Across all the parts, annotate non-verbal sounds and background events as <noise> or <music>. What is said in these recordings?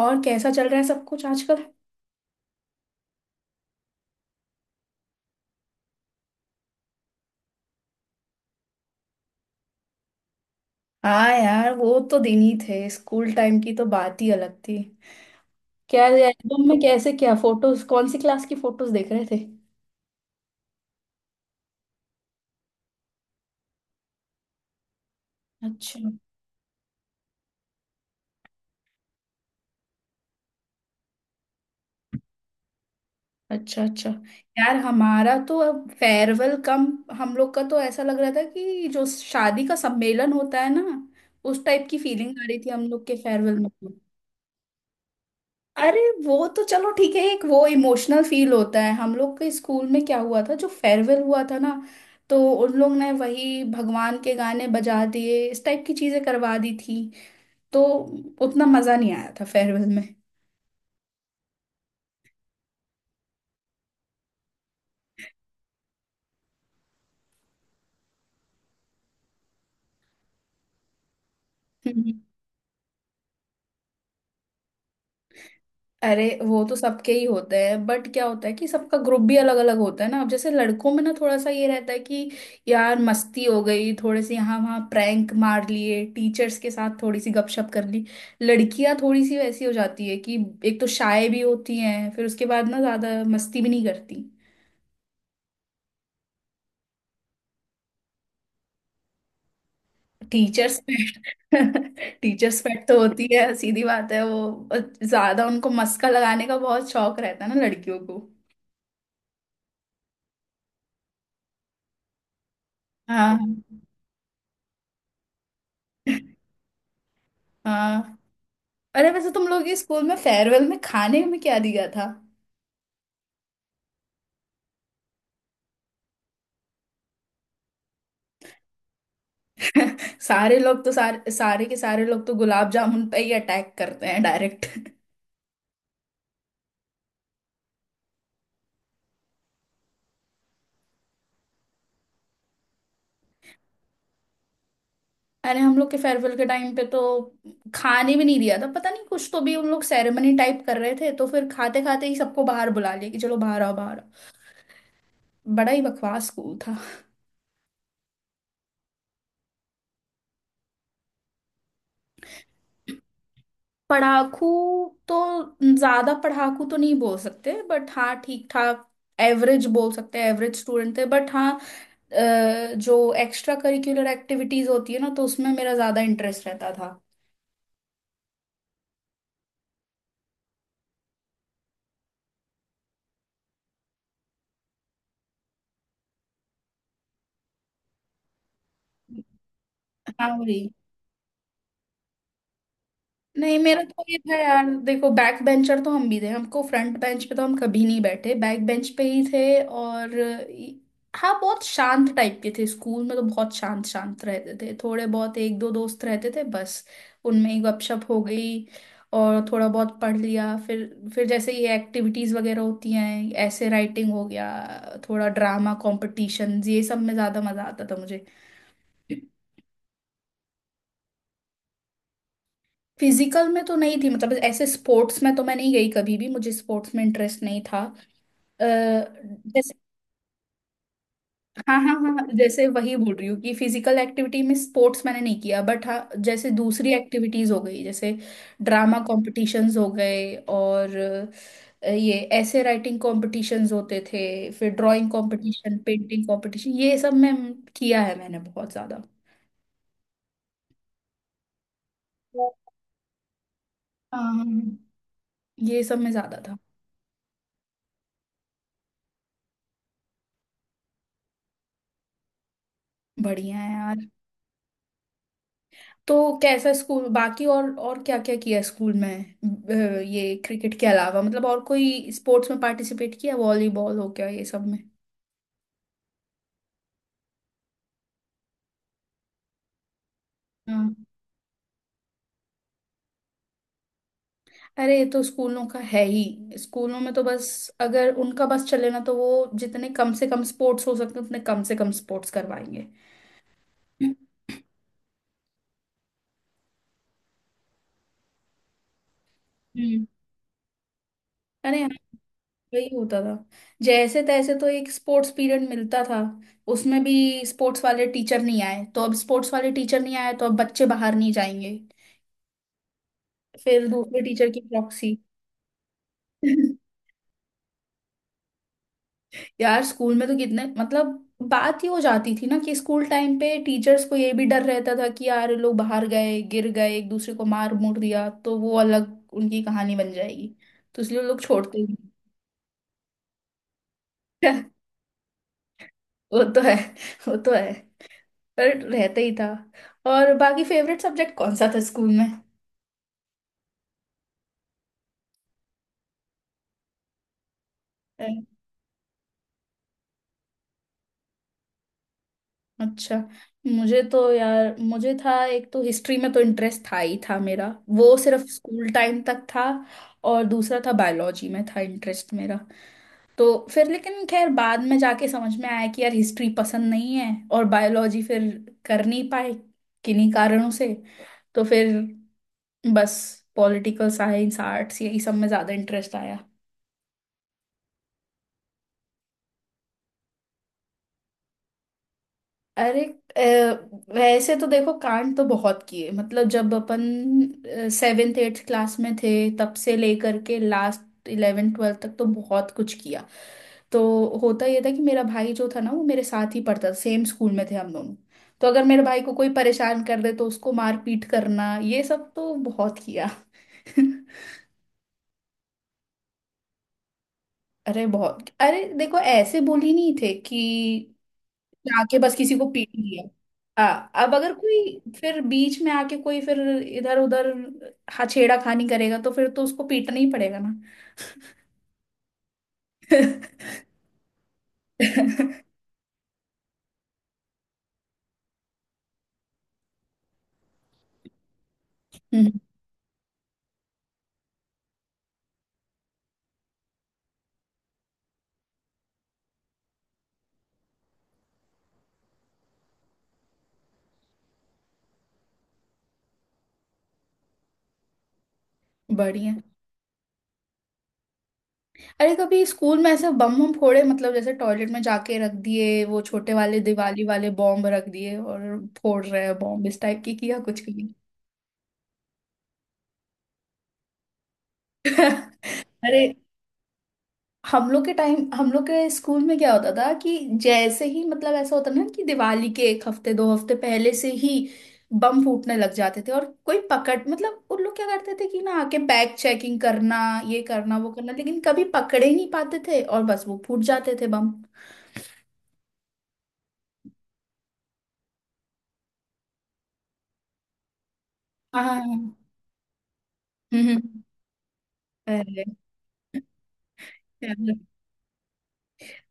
और कैसा चल रहा है सब कुछ आजकल। हाँ यार, वो तो दिन ही थे। स्कूल टाइम की तो बात ही अलग थी। क्या एल्बम में कैसे, क्या फोटोज, कौन सी क्लास की फोटोज देख रहे थे? अच्छा अच्छा अच्छा। यार हमारा तो अब फेयरवेल कम, हम लोग का तो ऐसा लग रहा था कि जो शादी का सम्मेलन होता है ना, उस टाइप की फीलिंग आ रही थी हम लोग के फेयरवेल में। अरे वो तो चलो ठीक है, एक वो इमोशनल फील होता है। हम लोग के स्कूल में क्या हुआ था, जो फेयरवेल हुआ था ना, तो उन लोग ने वही भगवान के गाने बजा दिए, इस टाइप की चीजें करवा दी थी। तो उतना मजा नहीं आया था फेयरवेल में। अरे वो तो सबके ही होते हैं, बट क्या होता है कि सबका ग्रुप भी अलग अलग होता है ना। अब जैसे लड़कों में ना थोड़ा सा ये रहता है कि यार मस्ती हो गई, थोड़े से यहाँ वहाँ प्रैंक मार लिए, टीचर्स के साथ थोड़ी सी गपशप कर ली। लड़कियां थोड़ी सी वैसी हो जाती है कि एक तो शाय भी होती हैं, फिर उसके बाद ना ज्यादा मस्ती भी नहीं करती। Teacher's pet. टीचर्स पेट <laughs> तो होती है, सीधी बात है वो। ज्यादा उनको मस्का लगाने का बहुत शौक रहता है ना लड़कियों को। हाँ, हाँ। अरे वैसे तुम लोग के स्कूल में फेयरवेल में खाने में क्या दिया था? <laughs> सारे लोग तो, सारे सारे के सारे लोग तो गुलाब जामुन पे ही अटैक करते हैं डायरेक्ट। <laughs> अरे हम लोग के फेयरवेल के टाइम पे तो खाने भी नहीं दिया था। पता नहीं कुछ तो भी उन लोग सेरेमनी टाइप कर रहे थे, तो फिर खाते खाते ही सबको बाहर बुला लिया कि चलो बाहर आओ, बाहर आओ। बड़ा ही बकवास स्कूल था। पढ़ाकू? तो ज्यादा पढ़ाकू तो नहीं बोल सकते, बट हाँ ठीक ठाक, एवरेज बोल सकते हैं, एवरेज स्टूडेंट थे। बट हाँ, जो एक्स्ट्रा करिकुलर एक्टिविटीज होती है ना, तो उसमें मेरा ज्यादा इंटरेस्ट रहता था। हाँ वही। नहीं, मेरा तो ये था, यार देखो बैक बेंचर तो हम भी थे। हमको फ्रंट बेंच पे तो हम कभी नहीं बैठे, बैक बेंच पे ही थे। और हाँ, बहुत शांत टाइप के थे स्कूल में, तो बहुत शांत शांत रहते थे। थोड़े बहुत एक दो दोस्त रहते थे बस, उनमें ही गपशप हो गई, और थोड़ा बहुत पढ़ लिया। फिर जैसे ये एक्टिविटीज़ वगैरह होती हैं, ऐसे राइटिंग हो गया, थोड़ा ड्रामा कॉम्पिटिशन, ये सब में ज़्यादा मज़ा आता था मुझे। फिजिकल में तो नहीं थी, मतलब ऐसे स्पोर्ट्स में तो मैं नहीं गई कभी भी, मुझे स्पोर्ट्स में इंटरेस्ट नहीं था। अ, जैसे, हाँ हाँ हाँ, जैसे वही बोल रही हूँ कि फिजिकल एक्टिविटी में स्पोर्ट्स मैंने नहीं किया, बट हाँ जैसे दूसरी एक्टिविटीज हो गई, जैसे ड्रामा कॉम्पिटिशन्स हो गए, और ये ऐसे राइटिंग कॉम्पिटिशन्स होते थे, फिर ड्राइंग कॉम्पिटिशन, पेंटिंग कॉम्पिटिशन, ये सब में किया है मैंने बहुत ज्यादा। हाँ, ये सब में ज्यादा था। बढ़िया है यार। तो कैसा स्कूल बाकी, और क्या क्या किया स्कूल में? ये क्रिकेट के अलावा मतलब और कोई स्पोर्ट्स में पार्टिसिपेट किया, वॉलीबॉल हो गया, ये सब में? हाँ। अरे ये तो स्कूलों का है ही। स्कूलों में तो बस अगर उनका बस चले ना, तो वो जितने कम से कम स्पोर्ट्स हो सकते हैं उतने कम से कम स्पोर्ट्स करवाएंगे। हम्म। अरे हाँ, वही होता था। जैसे तैसे तो एक स्पोर्ट्स पीरियड मिलता था, उसमें भी स्पोर्ट्स वाले टीचर नहीं आए तो अब, स्पोर्ट्स वाले टीचर नहीं आए तो अब बच्चे बाहर नहीं जाएंगे। फिर दूसरे टीचर की प्रॉक्सी। <laughs> यार स्कूल में तो कितने मतलब बात ही हो जाती थी ना, कि स्कूल टाइम पे टीचर्स को ये भी डर रहता था कि यार ये लोग बाहर गए, गिर गए, एक दूसरे को मार मुड़ दिया, तो वो अलग उनकी कहानी बन जाएगी। तो इसलिए वो लोग छोड़ते ही नहीं। <laughs> वो तो है, वो तो है, पर रहता ही था। और बाकी फेवरेट सब्जेक्ट कौन सा था स्कूल में? अच्छा। मुझे तो यार, मुझे था एक तो हिस्ट्री में तो इंटरेस्ट था ही था मेरा। वो सिर्फ स्कूल टाइम तक था। और दूसरा था, बायोलॉजी में था इंटरेस्ट मेरा। तो फिर, लेकिन खैर बाद में जाके समझ में आया कि यार हिस्ट्री पसंद नहीं है, और बायोलॉजी फिर कर नहीं पाए किन्हीं कारणों से। तो फिर बस पॉलिटिकल साइंस, आर्ट्स, यही सब में ज़्यादा इंटरेस्ट आया। अरे, वैसे तो देखो कांड तो बहुत किए, मतलब जब अपन सेवेंथ एट्थ क्लास में थे, तब से लेकर के लास्ट इलेवेंथ ट्वेल्थ तक तो बहुत कुछ किया। तो होता ये था कि मेरा भाई जो था ना, वो मेरे साथ ही पढ़ता था, सेम स्कूल में थे हम दोनों। तो अगर मेरे भाई को कोई परेशान कर दे, तो उसको मार पीट करना ये सब तो बहुत किया। <laughs> अरे बहुत, अरे देखो ऐसे बोली नहीं थे कि जाके बस किसी को पीट लिया। हाँ अब अगर कोई फिर बीच में आके, कोई फिर इधर उधर हछेड़ा खानी करेगा, तो फिर तो उसको पीटना ही पड़ेगा ना। <laughs> हम्म, बढ़िया। अरे कभी स्कूल में ऐसे बम बम फोड़े, मतलब जैसे टॉयलेट में जाके रख दिए वो छोटे वाले दिवाली वाले बॉम्ब, रख दिए और फोड़ रहे हैं बॉम्ब, इस टाइप की किया कुछ भी? <laughs> अरे हम लोग के टाइम, हम लोग के स्कूल में क्या होता था कि जैसे ही मतलब ऐसा होता ना कि दिवाली के एक हफ्ते दो हफ्ते पहले से ही बम फूटने लग जाते थे, और कोई पकड़ मतलब उन लोग क्या करते थे कि ना आके बैग चेकिंग करना, ये करना वो करना, लेकिन कभी पकड़े ही नहीं पाते थे, और बस वो फूट जाते थे बम। हाँ। हम्म। हम्म। अरे,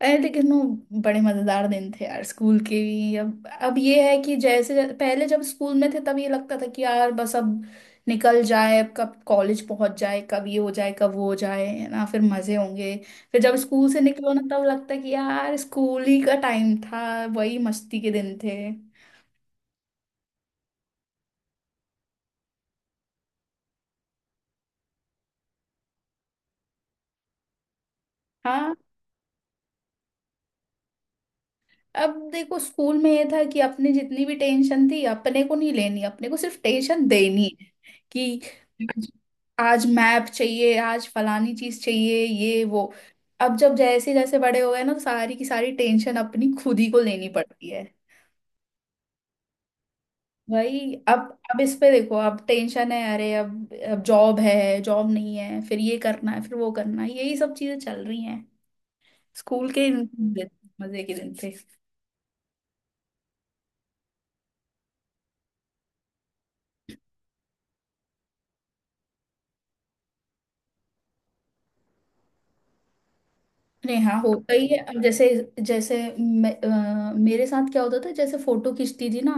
अरे लेकिन वो बड़े मजेदार दिन थे यार स्कूल के भी। अब ये है कि जैसे पहले जब स्कूल में थे, तब ये लगता था कि यार बस अब निकल जाए, अब कब कॉलेज पहुंच जाए, कब ये हो जाए, कब वो हो जाए, है ना, फिर मजे होंगे। फिर जब स्कूल से निकलो ना, तब लगता है कि यार स्कूल ही का टाइम था, वही मस्ती के दिन थे। हाँ। अब देखो स्कूल में ये था कि अपनी जितनी भी टेंशन थी, अपने को नहीं लेनी, अपने को सिर्फ टेंशन देनी है कि आज आज मैप चाहिए, आज फलानी चीज चाहिए, ये वो। अब जब जैसे जैसे बड़े हो गए ना, तो सारी की सारी टेंशन अपनी खुद ही को लेनी पड़ती है। भाई, अब अब इस पे देखो, अब टेंशन है। अरे अब जॉब है, जॉब नहीं है, फिर ये करना है, फिर वो करना है, यही सब चीजें चल रही हैं। स्कूल के मजे के दिन थे। नहीं, हाँ होता ही है। अब जैसे, जैसे मैं, मेरे साथ क्या होता था, जैसे फोटो खींचती थी ना,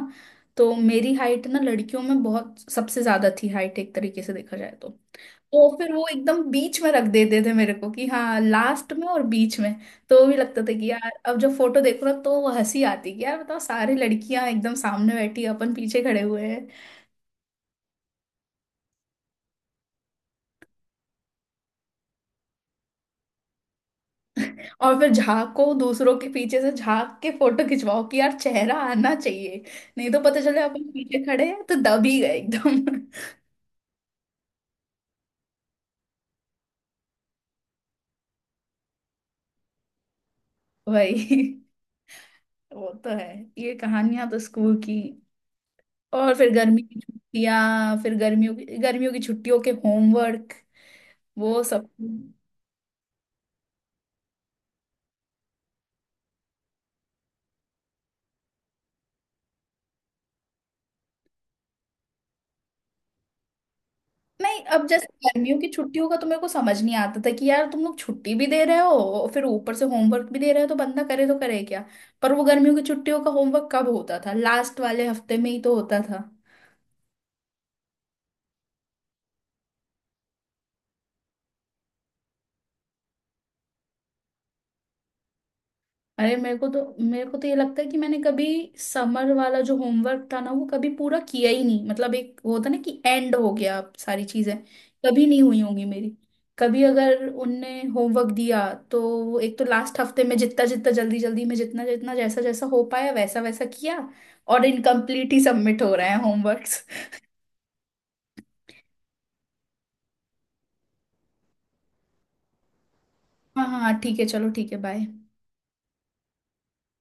तो मेरी हाइट ना, लड़कियों में बहुत सबसे ज्यादा थी हाइट, एक तरीके से देखा जाए तो। तो फिर वो एकदम बीच में रख देते थे मेरे को कि हाँ लास्ट में और बीच में, तो भी लगता था कि यार अब जब फोटो देखो ना, तो वो हंसी आती कि यार बताओ, सारी लड़कियां एकदम सामने बैठी हैं, अपन पीछे खड़े हुए हैं। और फिर झांको दूसरों के पीछे से, झांक के फोटो खिंचवाओ कि यार चेहरा आना चाहिए, नहीं तो पता चले अपन पीछे खड़े हैं तो दब ही गए एकदम। <laughs> वही, वो तो है। ये कहानियां तो स्कूल की। और फिर गर्मी की छुट्टियां, फिर गर्मियों की, गर्मियों की छुट्टियों के होमवर्क, वो सब। नहीं अब जैसे गर्मियों की छुट्टियों का तो मेरे को समझ नहीं आता था कि यार तुम लोग छुट्टी भी दे रहे हो, और फिर ऊपर से होमवर्क भी दे रहे हो, तो बंदा करे तो करे क्या। पर वो गर्मियों की छुट्टियों का होमवर्क कब होता था, लास्ट वाले हफ्ते में ही तो होता था। अरे मेरे को तो, मेरे को तो ये लगता है कि मैंने कभी समर वाला जो होमवर्क था ना, वो कभी पूरा किया ही नहीं। मतलब एक वो होता ना कि एंड हो गया, अब सारी चीजें कभी नहीं हुई होंगी मेरी। कभी अगर उनने होमवर्क दिया, तो वो एक तो लास्ट हफ्ते में, जितना जितना जल्दी जल्दी में, जितना जितना जैसा जैसा हो पाया वैसा वैसा किया, और इनकम्प्लीट ही सबमिट हो रहे हैं होमवर्क्स। हाँ हाँ हाँ, ठीक है, चलो ठीक है, बाय।